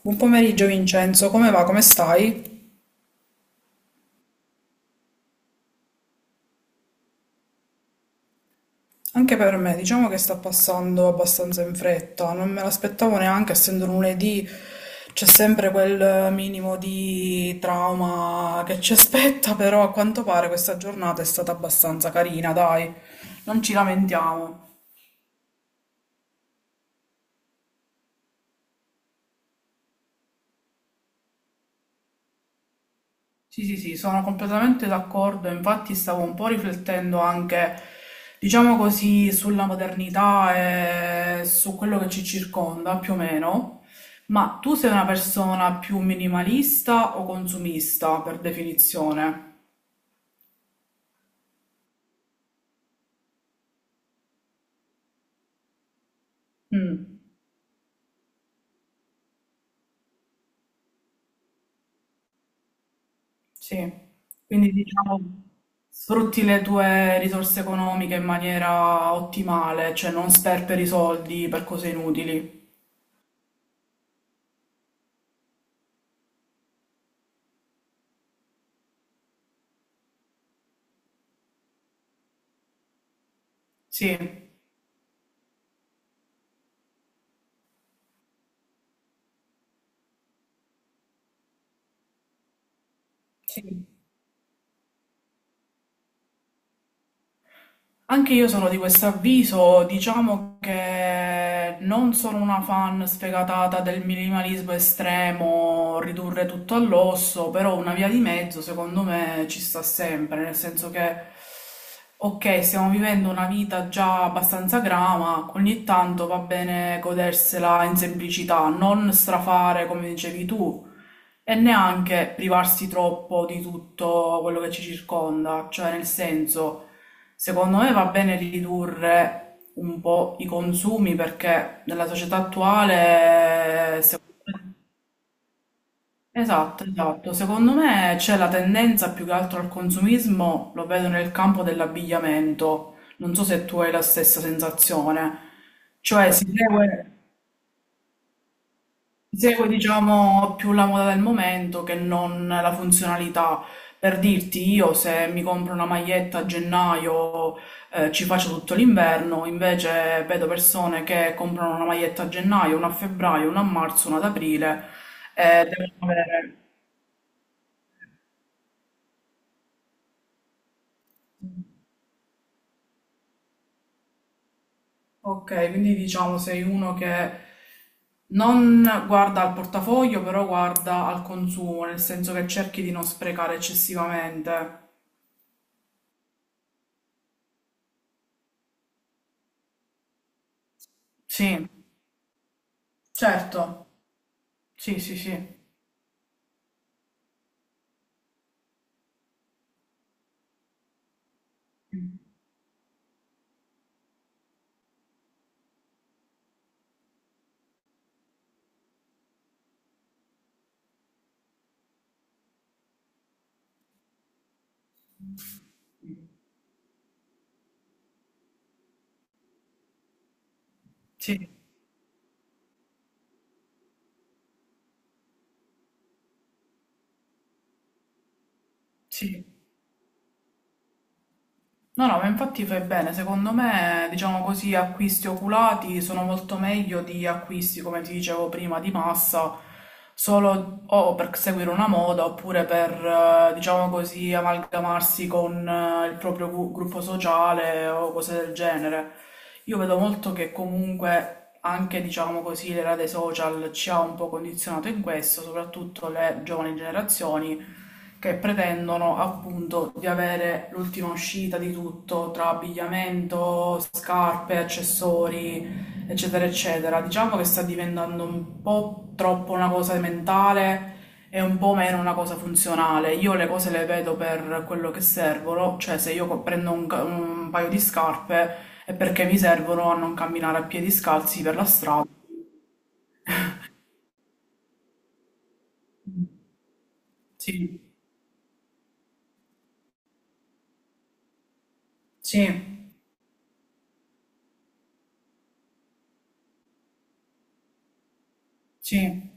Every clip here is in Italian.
Buon pomeriggio Vincenzo, come va? Come stai? Anche per me, diciamo che sta passando abbastanza in fretta, non me l'aspettavo neanche, essendo lunedì c'è sempre quel minimo di trauma che ci aspetta, però a quanto pare questa giornata è stata abbastanza carina, dai, non ci lamentiamo. Sì, sì, sì, sono completamente d'accordo, infatti stavo un po' riflettendo anche, diciamo così, sulla modernità e su quello che ci circonda, più o meno, ma tu sei una persona più minimalista o consumista, per definizione? Mm, sì, quindi diciamo sfrutti le tue risorse economiche in maniera ottimale, cioè non sperperi soldi per cose inutili. Sì, sì. Anche io sono di questo avviso, diciamo che non sono una fan sfegatata del minimalismo estremo, ridurre tutto all'osso, però una via di mezzo secondo me ci sta sempre, nel senso che, ok, stiamo vivendo una vita già abbastanza grama, ogni tanto va bene godersela in semplicità, non strafare come dicevi tu. E neanche privarsi troppo di tutto quello che ci circonda, cioè nel senso, secondo me va bene ridurre un po' i consumi perché nella società attuale, esatto, esatto, secondo me c'è la tendenza più che altro al consumismo, lo vedo nel campo dell'abbigliamento, non so se tu hai la stessa sensazione, cioè si segue... Segue, diciamo, più la moda del momento che non la funzionalità. Per dirti, io se mi compro una maglietta a gennaio, ci faccio tutto l'inverno, invece vedo persone che comprano una maglietta a gennaio, una a febbraio, una a marzo, una ad aprile, e devono avere... Ok, quindi diciamo sei uno che non guarda al portafoglio, però guarda al consumo, nel senso che cerchi di non sprecare eccessivamente. Sì, certo. Sì, sì, sì. Sì, sì. No, no, ma infatti fai bene. Secondo me, diciamo così, acquisti oculati sono molto meglio di acquisti, come ti dicevo prima, di massa, solo o per seguire una moda oppure per, diciamo così, amalgamarsi con il proprio gruppo sociale o cose del genere. Io vedo molto che comunque anche, diciamo così, l'era dei social ci ha un po' condizionato in questo, soprattutto le giovani generazioni, che pretendono appunto di avere l'ultima uscita di tutto, tra abbigliamento, scarpe, accessori, eccetera, eccetera. Diciamo che sta diventando un po' troppo una cosa mentale e un po' meno una cosa funzionale. Io le cose le vedo per quello che servono, cioè se io prendo un paio di scarpe è perché mi servono a non camminare a piedi scalzi per la strada. Sì, sì, sì.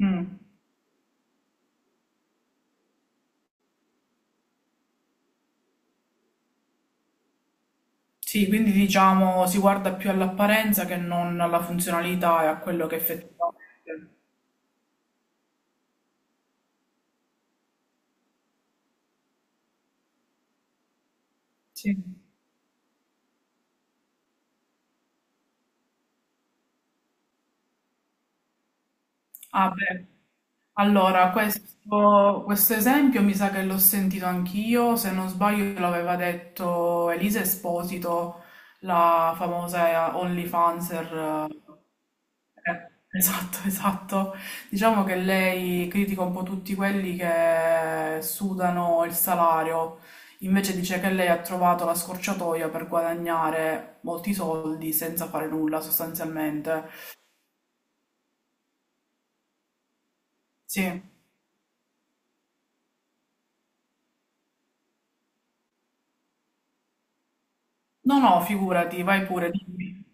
Mm. Sì, quindi diciamo si guarda più all'apparenza che non alla funzionalità e a quello che effettivamente. Sì. Ah, beh. Allora, questo esempio mi sa che l'ho sentito anch'io, se non sbaglio l'aveva detto Elisa Esposito, la famosa OnlyFanser. Esatto, esatto. Diciamo che lei critica un po' tutti quelli che sudano il salario, invece dice che lei ha trovato la scorciatoia per guadagnare molti soldi senza fare nulla sostanzialmente. Sì. No, no, figurati, vai pure, dimmi.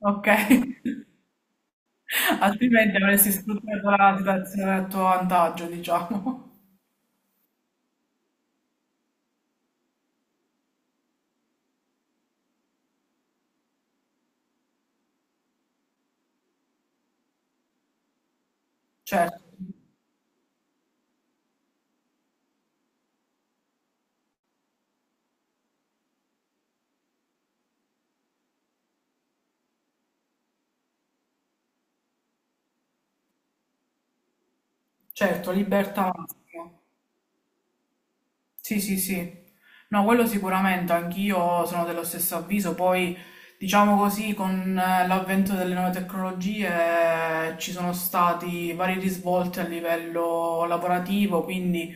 Ok. Altrimenti avresti sfruttato la situazione a tuo vantaggio, diciamo. Certo, certo, libertà massima. Sì, sì, sì. No, quello sicuramente, anch'io sono dello stesso avviso. Poi, diciamo così, con l'avvento delle nuove tecnologie ci sono stati vari risvolti a livello lavorativo, quindi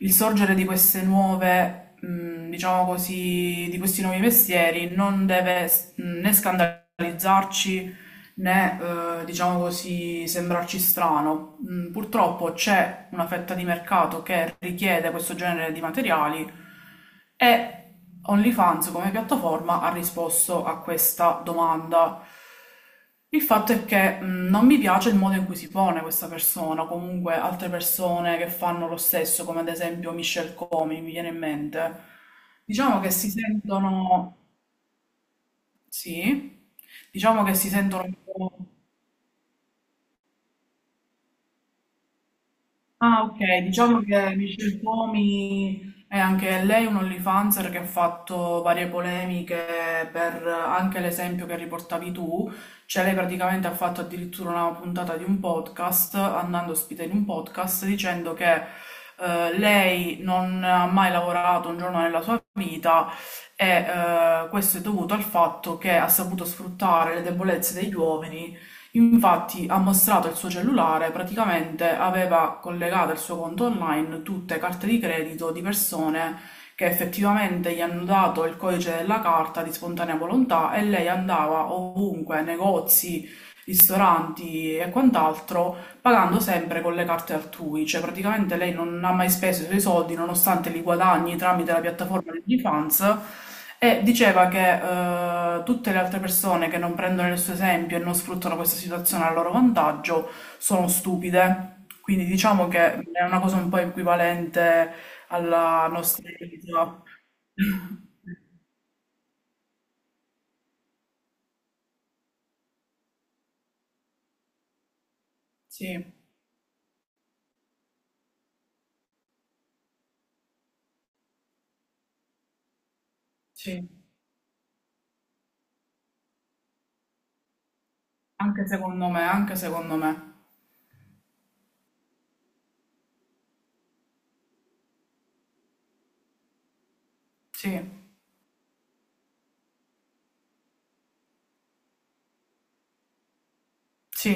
il sorgere di queste nuove, diciamo così, di questi nuovi mestieri non deve né scandalizzarci né, diciamo così, sembrarci strano. Purtroppo c'è una fetta di mercato che richiede questo genere di materiali e OnlyFans come piattaforma ha risposto a questa domanda. Il fatto è che non mi piace il modo in cui si pone questa persona, comunque altre persone che fanno lo stesso, come ad esempio Michelle Comi, mi viene in mente. Diciamo che si sentono, sì, diciamo che si sentono un po'. Ah, ok, diciamo che Michelle Comi è anche lei un OnlyFanser che ha fatto varie polemiche per anche l'esempio che riportavi tu, cioè lei praticamente ha fatto addirittura una puntata di un podcast, andando ospite in un podcast, dicendo che lei non ha mai lavorato un giorno nella sua vita e questo è dovuto al fatto che ha saputo sfruttare le debolezze degli uomini. Infatti ha mostrato il suo cellulare, praticamente aveva collegato al suo conto online tutte carte di credito di persone che effettivamente gli hanno dato il codice della carta di spontanea volontà e lei andava ovunque, negozi, ristoranti e quant'altro, pagando sempre con le carte altrui, cioè praticamente lei non ha mai speso i suoi soldi nonostante li guadagni tramite la piattaforma di OnlyFans e diceva che tutte le altre persone che non prendono il suo esempio e non sfruttano questa situazione a loro vantaggio sono stupide. Quindi diciamo che è una cosa un po' equivalente alla nostra vita. Sì, sì, anche secondo me, anche secondo me. Sì, sì,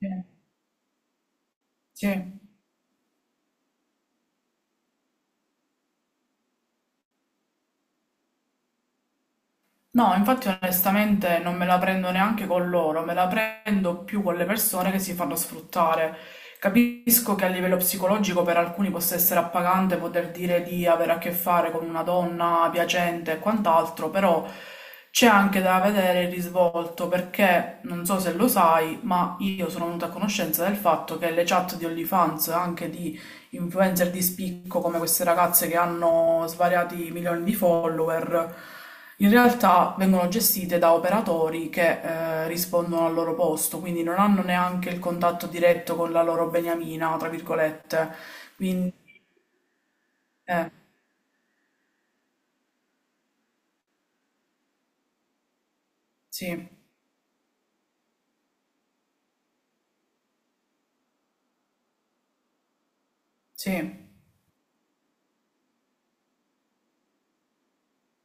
sì, sì. No, infatti onestamente non me la prendo neanche con loro, me la prendo più con le persone che si fanno sfruttare. Capisco che a livello psicologico per alcuni possa essere appagante poter dire di avere a che fare con una donna piacente e quant'altro, però c'è anche da vedere il risvolto perché non so se lo sai, ma io sono venuta a conoscenza del fatto che le chat di OnlyFans, anche di influencer di spicco come queste ragazze che hanno svariati milioni di follower, in realtà vengono gestite da operatori che rispondono al loro posto, quindi non hanno neanche il contatto diretto con la loro beniamina, tra virgolette. Quindi, eh, sì, sì,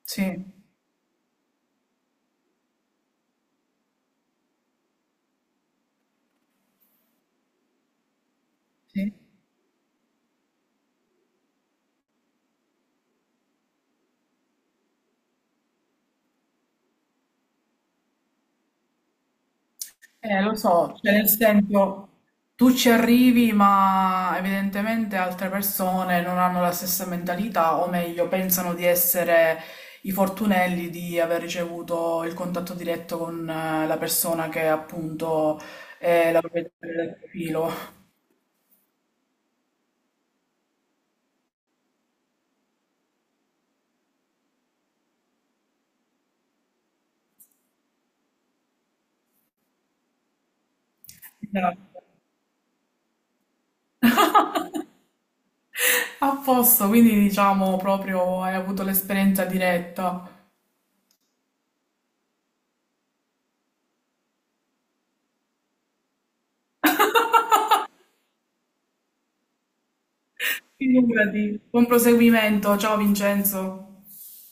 sì, sì. Lo so, cioè nel senso, tu ci arrivi, ma evidentemente altre persone non hanno la stessa mentalità, o meglio, pensano di essere i fortunelli di aver ricevuto il contatto diretto con la persona che appunto è la proprietaria del profilo. Esatto. A posto, quindi diciamo proprio hai avuto l'esperienza diretta. Figurati, buon proseguimento, ciao Vincenzo.